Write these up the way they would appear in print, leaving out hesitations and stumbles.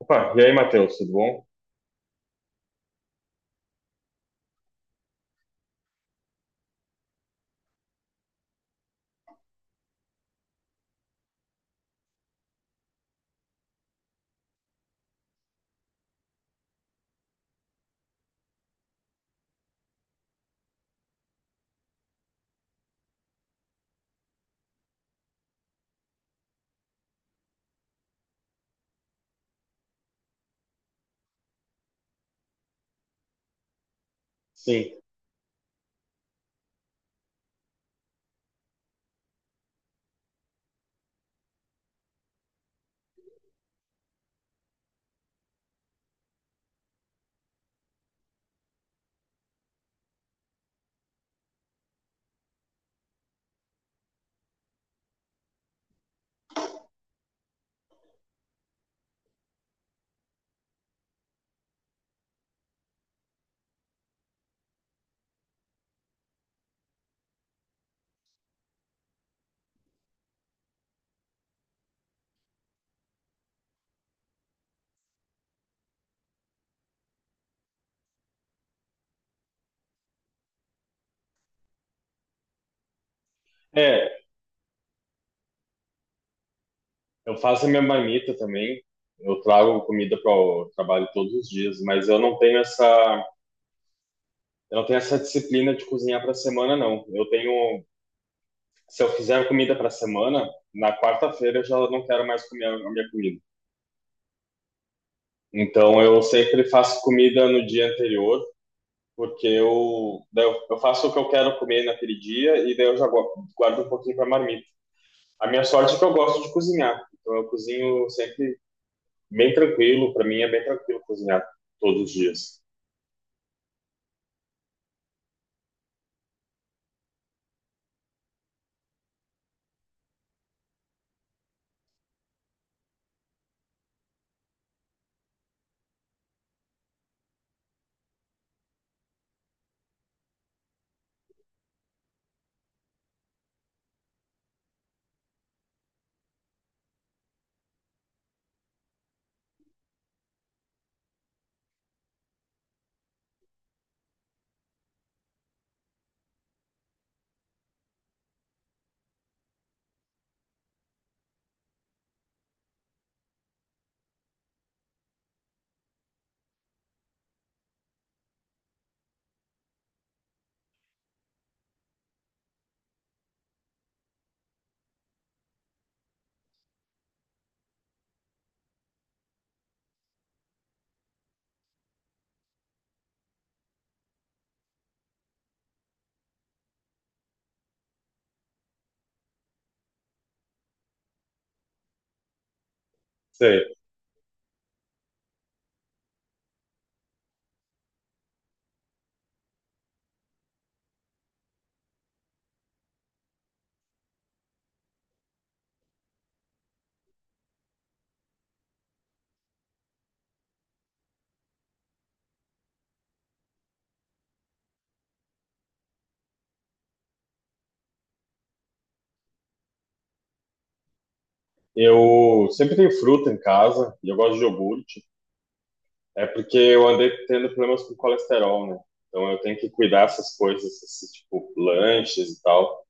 Opa, e aí, Matheus, tudo bom? Sim. É, eu faço a minha marmita também. Eu trago comida para o trabalho todos os dias, mas eu não tenho essa disciplina de cozinhar para a semana, não. Se eu fizer comida para a semana, na quarta-feira eu já não quero mais comer a minha comida. Então eu sempre faço comida no dia anterior, porque daí eu faço o que eu quero comer naquele dia e daí eu já guardo um pouquinho para marmita. A minha sorte é que eu gosto de cozinhar, então eu cozinho sempre bem tranquilo, para mim é bem tranquilo cozinhar todos os dias. Sei. Eu sempre tenho fruta em casa e eu gosto de iogurte. É porque eu andei tendo problemas com colesterol, né? Então eu tenho que cuidar dessas coisas, esses, tipo lanches e tal.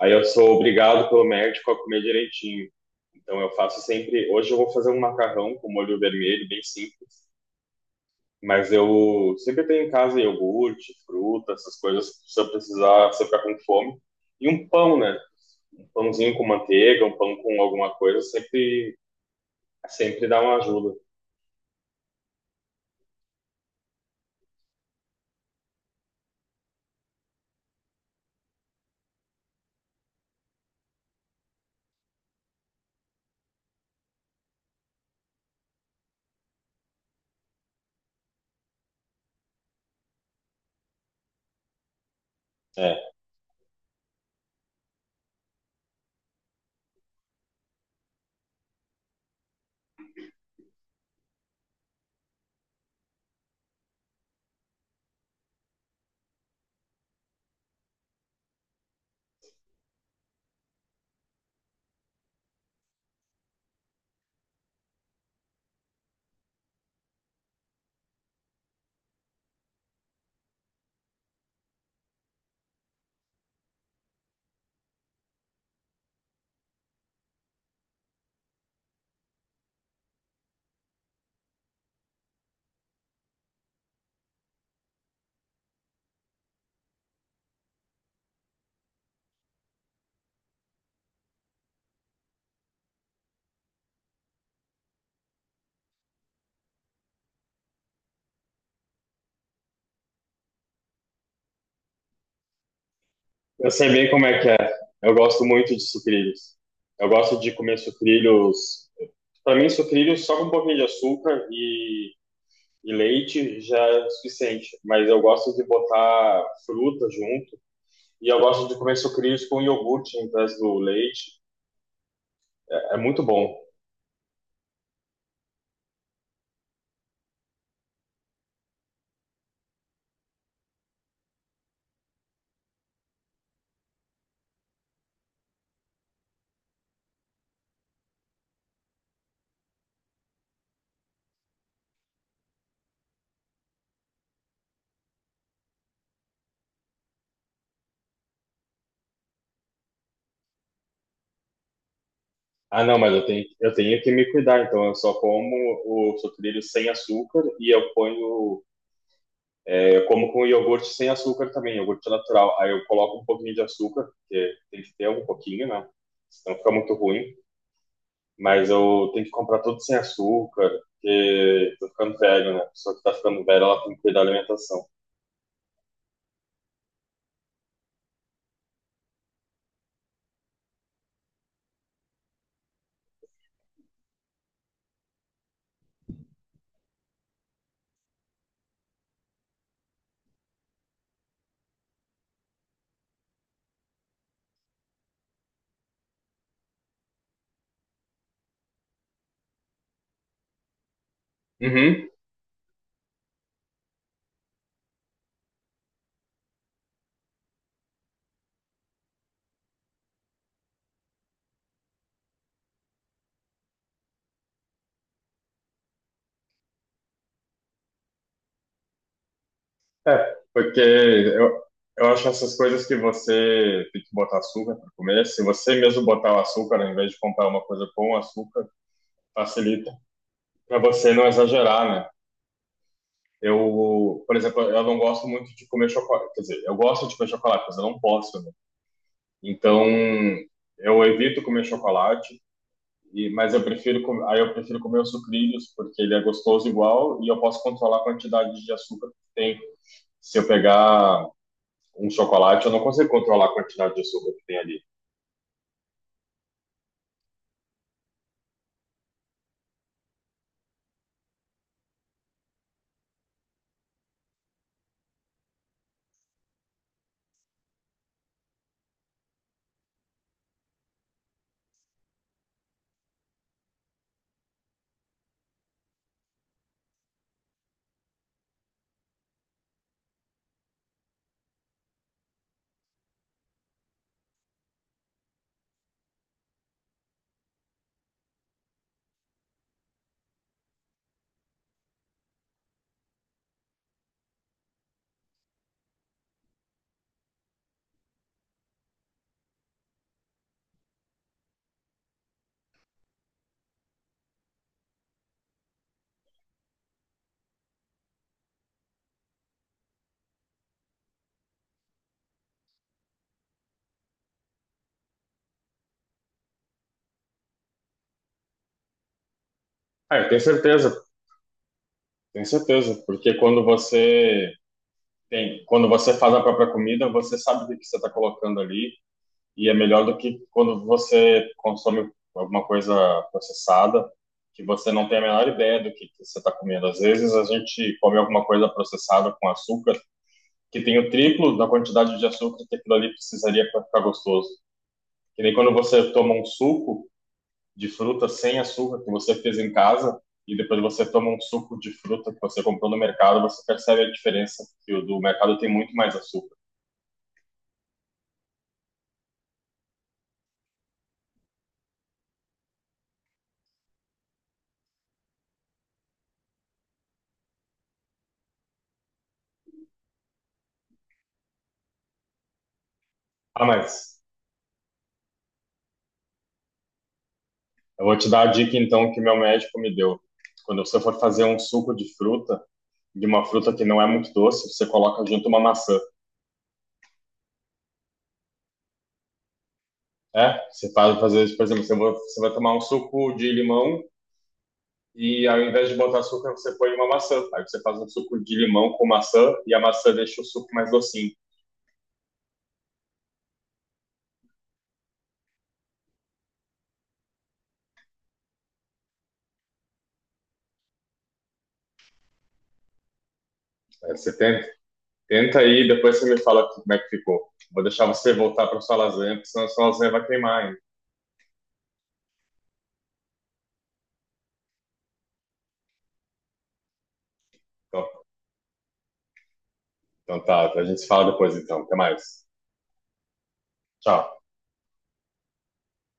Aí eu sou obrigado pelo médico a comer direitinho. Então eu faço sempre. Hoje eu vou fazer um macarrão com molho vermelho, bem simples. Mas eu sempre tenho em casa iogurte, fruta, essas coisas, se eu precisar, se eu ficar com fome. E um pão, né? Pãozinho com manteiga, um pão com alguma coisa, sempre, sempre dá uma ajuda. É. Eu sei bem como é que é. Eu gosto muito de sucrilhos. Eu gosto de comer sucrilhos. Para mim, sucrilhos só com um pouquinho de açúcar e leite já é o suficiente. Mas eu gosto de botar fruta junto. E eu gosto de comer sucrilhos com iogurte em vez do leite. É muito bom. Ah, não, mas eu tenho que me cuidar. Então, eu só como o sucrilho sem açúcar e eu ponho. Eu como com iogurte sem açúcar também, iogurte natural. Aí eu coloco um pouquinho de açúcar, porque tem que ter um pouquinho, né? Senão fica muito ruim. Mas eu tenho que comprar tudo sem açúcar, porque tô ficando velho, né? A pessoa que tá ficando velha, ela tem que cuidar da alimentação. Uhum. É, porque eu, eu acho essas coisas que você tem que botar açúcar para comer. Se você mesmo botar o açúcar, ao invés de comprar uma coisa com açúcar, facilita para você não exagerar, né? Eu, por exemplo, eu não gosto muito de comer chocolate. Quer dizer, eu gosto de comer chocolate, mas eu não posso, né? Então, eu evito comer chocolate, e, mas eu prefiro, aí eu prefiro comer os sucrilhos, porque ele é gostoso igual e eu posso controlar a quantidade de açúcar que tem. Se eu pegar um chocolate, eu não consigo controlar a quantidade de açúcar que tem ali. Ah, eu tenho certeza, porque quando você faz a própria comida, você sabe o que que você está colocando ali e é melhor do que quando você consome alguma coisa processada, que você não tem a menor ideia que você está comendo. Às vezes a gente come alguma coisa processada com açúcar, que tem o triplo da quantidade de açúcar que aquilo ali precisaria para ficar gostoso. Que nem quando você toma um suco de fruta sem açúcar que você fez em casa, e depois você toma um suco de fruta que você comprou no mercado, você percebe a diferença, que o do mercado tem muito mais açúcar. Ah, mas eu vou te dar a dica então que meu médico me deu. Quando você for fazer um suco de fruta, de uma fruta que não é muito doce, você coloca junto uma maçã. É, você faz fazer isso, por exemplo, você vai tomar um suco de limão e ao invés de botar açúcar, você põe uma maçã. Aí você faz um suco de limão com maçã e a maçã deixa o suco mais docinho. Aí tenta aí, depois você me fala como é que ficou. Vou deixar você voltar para sua lasanha, porque senão a sua lasanha vai queimar. Hein? Então, então tá, a gente se fala depois então. Até mais. Tchau.